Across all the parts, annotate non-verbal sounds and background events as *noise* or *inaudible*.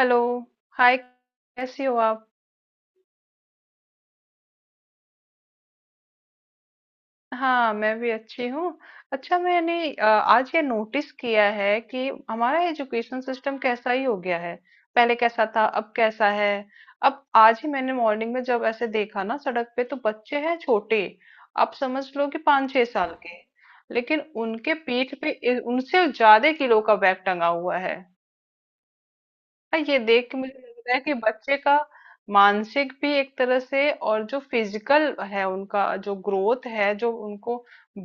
Hello. Hi, कैसी हो आप? हाँ, मैं भी अच्छी हूँ। अच्छा, मैंने आज ये नोटिस किया है कि हमारा एजुकेशन सिस्टम कैसा ही हो गया है। पहले कैसा था, अब कैसा है। अब आज ही मैंने मॉर्निंग में जब ऐसे देखा ना सड़क पे, तो बच्चे हैं छोटे। आप समझ लो कि पाँच छह साल के, लेकिन उनके पीठ पे उनसे ज्यादा किलो का बैग टंगा हुआ है। हाँ, ये देख के मुझे लग रहा है कि बच्चे का मानसिक भी एक तरह से, और जो फिजिकल है उनका जो ग्रोथ है, जो उनको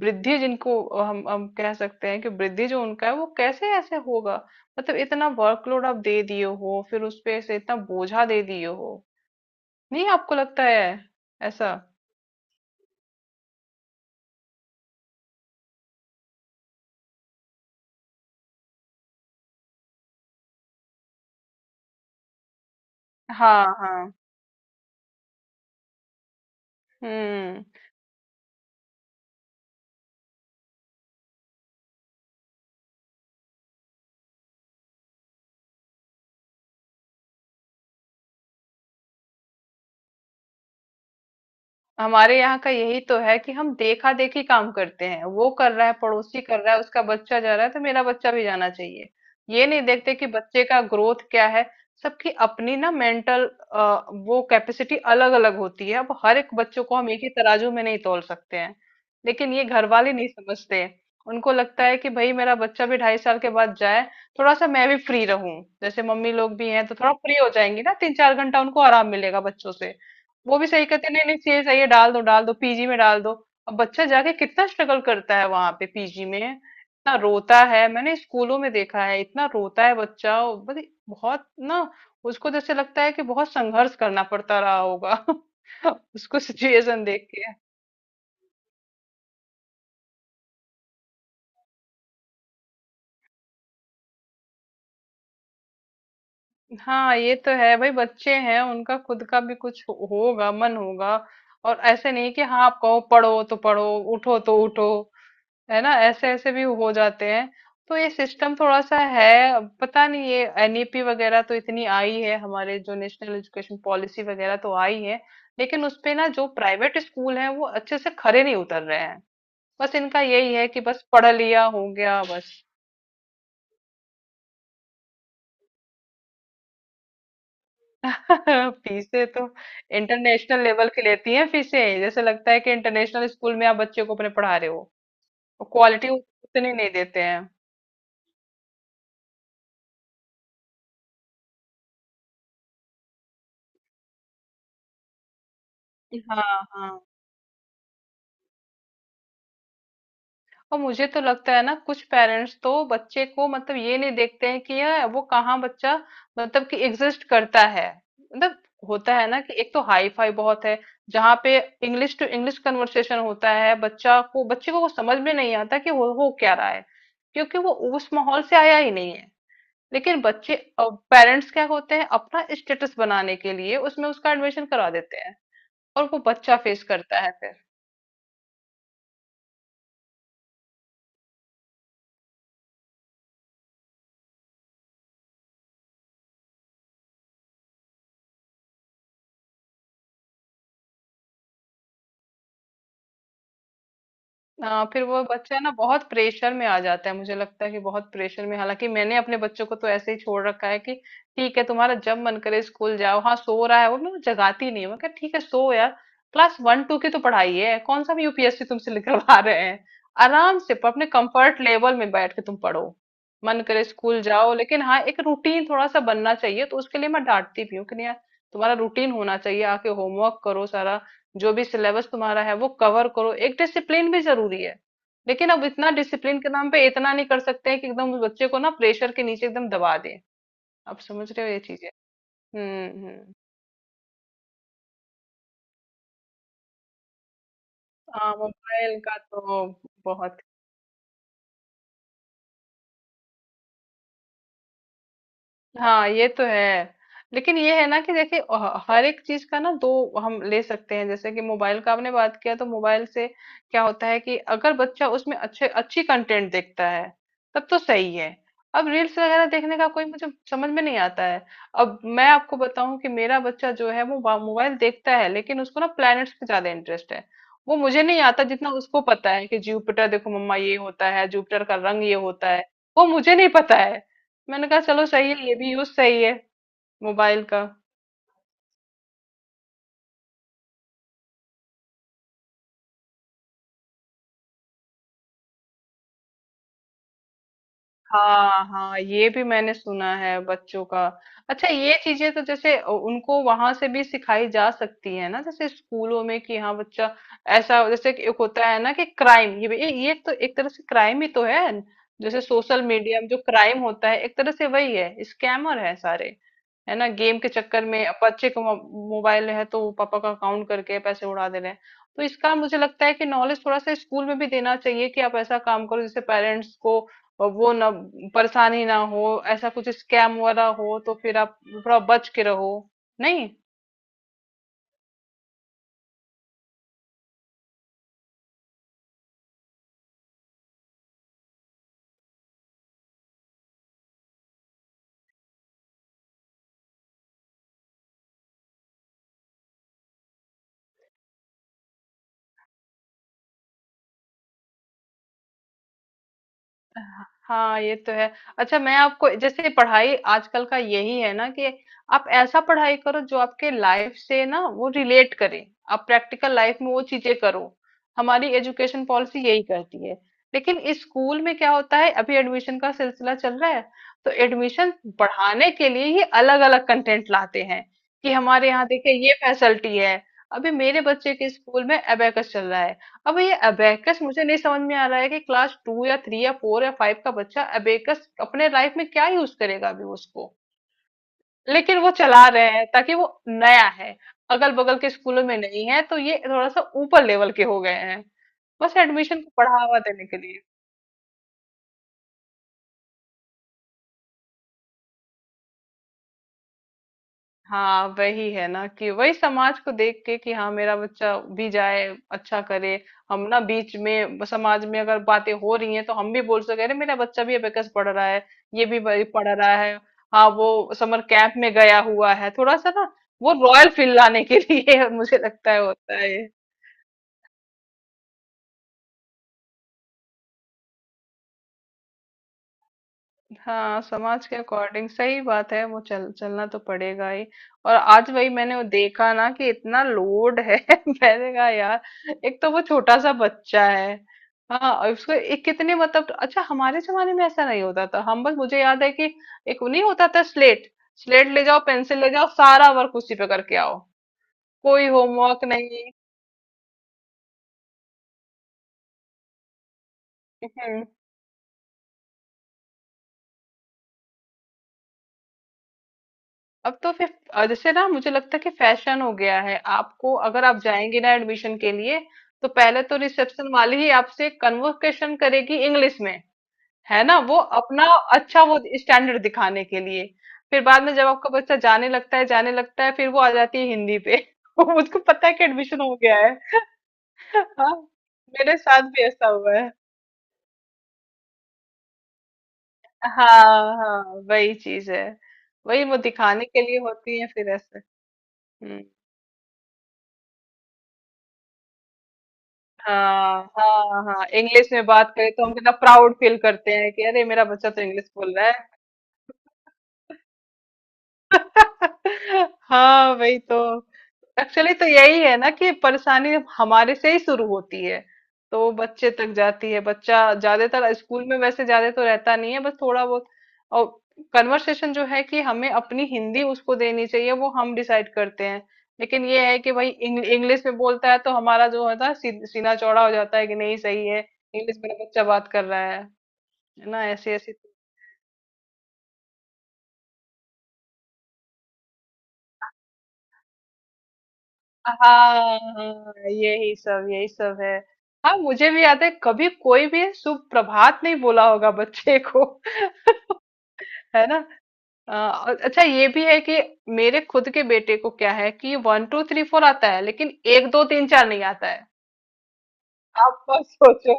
वृद्धि जिनको हम कह सकते हैं कि वृद्धि जो उनका है वो कैसे ऐसे होगा। मतलब इतना वर्कलोड आप दे दिए हो, फिर उस पे ऐसे इतना बोझा दे दिए हो। नहीं आपको लगता है ऐसा? हाँ हाँ। हम्म। हमारे यहाँ का यही तो है कि हम देखा देखी काम करते हैं। वो कर रहा है, पड़ोसी कर रहा है, उसका बच्चा जा रहा है, तो मेरा बच्चा भी जाना चाहिए। ये नहीं देखते कि बच्चे का ग्रोथ क्या है। सबकी अपनी ना मेंटल वो कैपेसिटी अलग अलग होती है। अब हर एक बच्चों को हम एक ही तराजू में नहीं तोल सकते हैं। लेकिन ये घर वाले नहीं समझते। उनको लगता है कि भाई मेरा बच्चा भी ढाई साल के बाद जाए, थोड़ा सा मैं भी फ्री रहूं। जैसे मम्मी लोग भी हैं तो थोड़ा फ्री हो जाएंगी ना, तीन चार घंटा उनको आराम मिलेगा बच्चों से। वो भी सही कहते हैं, नहीं नहीं ये सही है, डाल दो डाल दो, पीजी में डाल दो। अब बच्चा जाके कितना स्ट्रगल करता है वहां पे पीजी में, इतना रोता है। मैंने स्कूलों में देखा है, इतना रोता है बच्चा। और बहुत ना उसको जैसे लगता है कि बहुत संघर्ष करना पड़ता रहा होगा। *laughs* उसको सिचुएशन देख के। हाँ ये तो है भाई, बच्चे हैं, उनका खुद का भी कुछ होगा, मन होगा। और ऐसे नहीं कि हाँ आप कहो पढ़ो तो पढ़ो, उठो तो उठो। है ना, ऐसे ऐसे भी हो जाते हैं। तो ये सिस्टम थोड़ा सा है। अब पता नहीं ये एनईपी वगैरह तो इतनी आई है हमारे, जो नेशनल एजुकेशन पॉलिसी वगैरह तो आई है। लेकिन उसपे ना जो प्राइवेट स्कूल हैं वो अच्छे से खरे नहीं उतर रहे हैं। बस इनका यही है कि बस पढ़ लिया, हो गया, बस। *laughs* फीसें तो इंटरनेशनल लेवल की लेती हैं फीसें, जैसे लगता है कि इंटरनेशनल स्कूल में आप बच्चे को अपने पढ़ा रहे हो। क्वालिटी उतनी नहीं देते हैं। हाँ हाँ। और मुझे तो लगता है ना, कुछ पेरेंट्स तो बच्चे को मतलब ये नहीं देखते हैं कि यह वो कहाँ बच्चा मतलब कि एग्जिस्ट करता है। मतलब होता है ना कि एक तो हाई फाई बहुत है जहाँ पे इंग्लिश टू इंग्लिश कन्वर्सेशन होता है, बच्चा को बच्चे को वो समझ में नहीं आता कि हो क्या रहा है। क्योंकि वो उस माहौल से आया ही नहीं है। लेकिन बच्चे पेरेंट्स क्या होते हैं, अपना स्टेटस बनाने के लिए उसमें उसका एडमिशन करा देते हैं। और वो बच्चा फेस करता है फिर। हाँ, फिर वो बच्चा ना बहुत प्रेशर में आ जाता है। मुझे लगता है कि बहुत प्रेशर में। हालांकि मैंने अपने बच्चों को तो ऐसे ही छोड़ रखा है कि ठीक है, तुम्हारा जब मन करे स्कूल जाओ। हाँ, सो रहा है वो मैं जगाती नहीं हूँ, मैं कहा ठीक है सो यार। क्लास वन टू की तो पढ़ाई है, कौन सा भी यूपीएससी तुमसे निकलवा रहे हैं। आराम से अपने कंफर्ट लेवल में बैठ के तुम पढ़ो। मन करे स्कूल जाओ। लेकिन हाँ, एक रूटीन थोड़ा सा बनना चाहिए, तो उसके लिए मैं डांटती भी हूँ कि नहीं यार, तुम्हारा रूटीन होना चाहिए, आके होमवर्क करो सारा। जो भी सिलेबस तुम्हारा है वो कवर करो, एक डिसिप्लिन भी जरूरी है। लेकिन अब इतना डिसिप्लिन के नाम पे इतना नहीं कर सकते हैं कि एकदम उस बच्चे को ना प्रेशर के नीचे एकदम दबा दें। आप समझ रहे हो ये चीजें? हम्म। हाँ, मोबाइल का तो बहुत। हाँ ये तो है। लेकिन ये है ना कि देखिए, हर एक चीज का ना दो हम ले सकते हैं। जैसे कि मोबाइल का आपने बात किया, तो मोबाइल से क्या होता है कि अगर बच्चा उसमें अच्छे अच्छी कंटेंट देखता है तब तो सही है। अब रील्स वगैरह देखने का कोई मुझे समझ में नहीं आता है। अब मैं आपको बताऊं कि मेरा बच्चा जो है वो मोबाइल देखता है, लेकिन उसको ना प्लैनेट्स पे ज्यादा इंटरेस्ट है। वो मुझे नहीं आता, जितना उसको पता है कि जुपिटर देखो मम्मा, ये होता है जुपिटर का रंग ये होता है। वो मुझे नहीं पता है। मैंने कहा चलो सही है, ये भी यूज सही है मोबाइल का। हाँ हाँ, ये भी मैंने सुना है बच्चों का। अच्छा, ये चीजें तो जैसे उनको वहां से भी सिखाई जा सकती है ना, जैसे स्कूलों में कि हाँ बच्चा ऐसा जैसे कि एक होता है ना कि क्राइम, ये तो एक तरह से क्राइम ही तो है। जैसे सोशल मीडिया में जो क्राइम होता है एक तरह से वही है, स्कैमर है सारे। है ना, गेम के चक्कर में अब बच्चे का मोबाइल है, तो वो पापा का अकाउंट करके पैसे उड़ा दे रहे हैं। तो इसका मुझे लगता है कि नॉलेज थोड़ा सा स्कूल में भी देना चाहिए कि आप ऐसा काम करो जैसे पेरेंट्स को और वो ना परेशानी ना हो। ऐसा कुछ स्कैम वगैरह हो तो फिर आप थोड़ा बच के रहो, नहीं। हाँ ये तो है। अच्छा, मैं आपको जैसे, पढ़ाई आजकल का यही है ना कि आप ऐसा पढ़ाई करो जो आपके लाइफ से ना वो रिलेट करे। आप प्रैक्टिकल लाइफ में वो चीजें करो। हमारी एजुकेशन पॉलिसी यही कहती है। लेकिन इस स्कूल में क्या होता है, अभी एडमिशन का सिलसिला चल रहा है, तो एडमिशन बढ़ाने के लिए ही अलग अलग कंटेंट लाते हैं कि हमारे यहाँ देखिए ये फैसिलिटी है। अभी मेरे बच्चे के स्कूल में अबेकस चल रहा है। अब ये अबेकस मुझे नहीं समझ में आ रहा है कि क्लास टू या थ्री या फोर या फाइव का बच्चा अबेकस अपने लाइफ में क्या यूज करेगा अभी उसको। लेकिन वो चला रहे हैं, ताकि वो नया है, अगल बगल के स्कूलों में नहीं है, तो ये थोड़ा सा ऊपर लेवल के हो गए हैं। बस एडमिशन को बढ़ावा देने के लिए। हाँ वही है ना कि वही समाज को देख के कि हाँ मेरा बच्चा भी जाए, अच्छा करे। हम ना बीच में समाज में अगर बातें हो रही हैं तो हम भी बोल सके, अरे मेरा बच्चा भी अबेकस पढ़ रहा है, ये भी वही पढ़ रहा है, हाँ वो समर कैंप में गया हुआ है थोड़ा सा ना, वो रॉयल फील लाने के लिए। *laughs* मुझे लगता है होता है। हाँ समाज के अकॉर्डिंग सही बात है, वो चल चलना तो पड़ेगा ही। और आज वही मैंने वो देखा ना कि इतना लोड है। *laughs* मैंने कहा यार, एक तो वो छोटा सा बच्चा है। हाँ और उसको एक कितने मतलब, अच्छा हमारे जमाने में ऐसा नहीं होता था, हम बस मुझे याद है कि एक नहीं होता था, स्लेट। स्लेट ले जाओ, पेंसिल ले जाओ, सारा वर्क उसी पे करके आओ। कोई होमवर्क नहीं। *laughs* अब तो फिर जैसे ना मुझे लगता है कि फैशन हो गया है। आपको अगर आप जाएंगे ना एडमिशन के लिए, तो पहले तो रिसेप्शन वाली ही आपसे कन्वर्सेशन करेगी इंग्लिश में। है ना, वो अपना अच्छा वो स्टैंडर्ड दिखाने के लिए। फिर बाद में जब आपका बच्चा जाने लगता है, जाने लगता है, फिर वो आ जाती है हिंदी पे। *laughs* उसको पता है कि एडमिशन हो गया है। हाँ, मेरे साथ भी ऐसा हुआ है। हाँ हाँ, वही चीज है। वही वो दिखाने के लिए होती है फिर ऐसे। हम्म। हाँ, हाँ, हाँ, इंग्लिश में बात करें तो हम कितना प्राउड फील करते हैं कि अरे मेरा बच्चा तो इंग्लिश बोल रहा है। *laughs* हाँ वही तो। एक्चुअली तो यही है ना कि परेशानी हमारे से ही शुरू होती है, तो वो बच्चे तक जाती है। बच्चा ज्यादातर स्कूल में वैसे ज्यादा तो रहता नहीं है, बस थोड़ा बहुत। और कन्वर्सेशन जो है कि हमें अपनी हिंदी उसको देनी चाहिए, वो हम डिसाइड करते हैं। लेकिन ये है कि भाई इंग्लिश में बोलता है तो हमारा जो होता है सीना चौड़ा हो जाता है कि नहीं सही है, इंग्लिश मेरा बच्चा बात कर रहा है। है ना, ऐसी ऐसी। हाँ हाँ, यही सब है। हाँ, मुझे भी याद है, कभी कोई भी सुप्रभात नहीं बोला होगा बच्चे को। *laughs* है ना। और अच्छा ये भी है कि मेरे खुद के बेटे को क्या है कि वन टू थ्री फोर आता है, लेकिन एक दो तीन चार नहीं आता है। आप बस सोचो,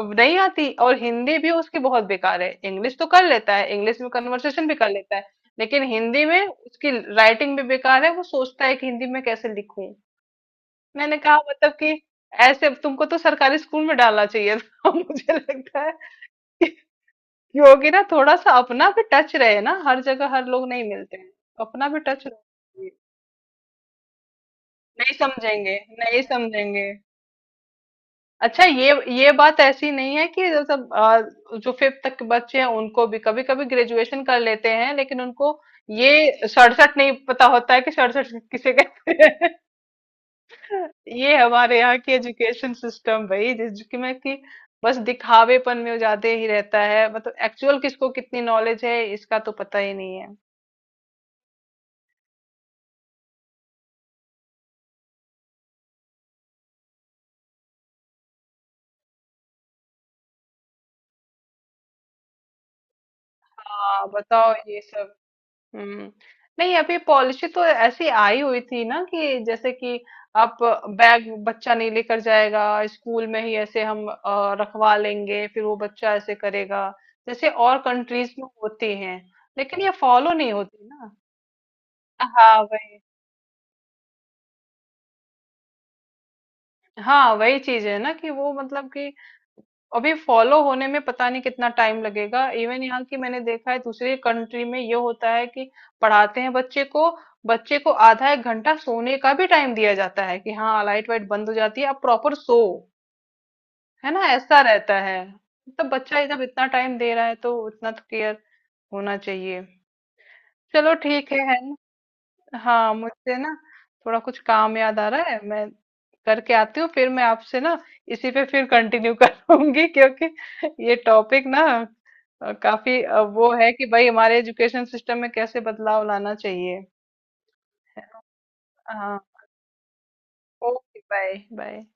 अब नहीं आती। और हिंदी भी उसकी बहुत बेकार है, इंग्लिश तो कर लेता है, इंग्लिश में कन्वर्सेशन भी कर लेता है, लेकिन हिंदी में उसकी राइटिंग भी बेकार है। वो सोचता है कि हिंदी में कैसे लिखूं। मैंने कहा मतलब कि ऐसे तुमको तो सरकारी स्कूल में डालना चाहिए था। *laughs* मुझे लगता है कि होगी ना थोड़ा सा अपना भी टच रहे ना, हर जगह हर लोग नहीं मिलते हैं, तो अपना भी टच रहे। नहीं समझेंगे, नहीं समझेंगे। अच्छा ये बात ऐसी नहीं है कि जैसे जो फिफ्थ तक के बच्चे हैं उनको भी, कभी कभी ग्रेजुएशन कर लेते हैं लेकिन उनको ये सड़सठ नहीं पता होता है कि सड़सठ किसे कहते हैं। ये हमारे यहाँ की एजुकेशन सिस्टम भाई, जिसमें कि बस दिखावेपन में ज्यादा ही रहता है, मतलब एक्चुअल किसको कितनी नॉलेज है इसका तो पता ही नहीं है। हाँ बताओ ये सब। हम्म। नहीं, अभी पॉलिसी तो ऐसी आई हुई थी ना कि जैसे कि आप बैग बच्चा नहीं लेकर जाएगा, स्कूल में ही ऐसे हम रखवा लेंगे, फिर वो बच्चा ऐसे करेगा जैसे और कंट्रीज में होती हैं। लेकिन ये फॉलो नहीं होती ना। हाँ वही। हाँ वही चीज है ना कि वो मतलब कि अभी फॉलो होने में पता नहीं कितना टाइम लगेगा। इवन यहाँ की मैंने देखा है, दूसरी कंट्री में ये होता है कि पढ़ाते हैं बच्चे को, बच्चे को आधा एक घंटा सोने का भी टाइम दिया जाता है कि हाँ लाइट वाइट बंद हो जाती है, अब प्रॉपर सो। है ना, ऐसा रहता है। तब बच्चा जब इतना टाइम दे रहा है तो उतना तो केयर होना चाहिए। चलो ठीक है है। हाँ मुझे ना थोड़ा कुछ काम याद आ रहा है, मैं करके आती हूँ, फिर मैं आपसे ना इसी पे फिर कंटिन्यू *laughs* करूंगी। क्योंकि ये टॉपिक ना काफी वो है कि भाई हमारे एजुकेशन सिस्टम में कैसे बदलाव लाना चाहिए। हाँ ओके बाय बाय।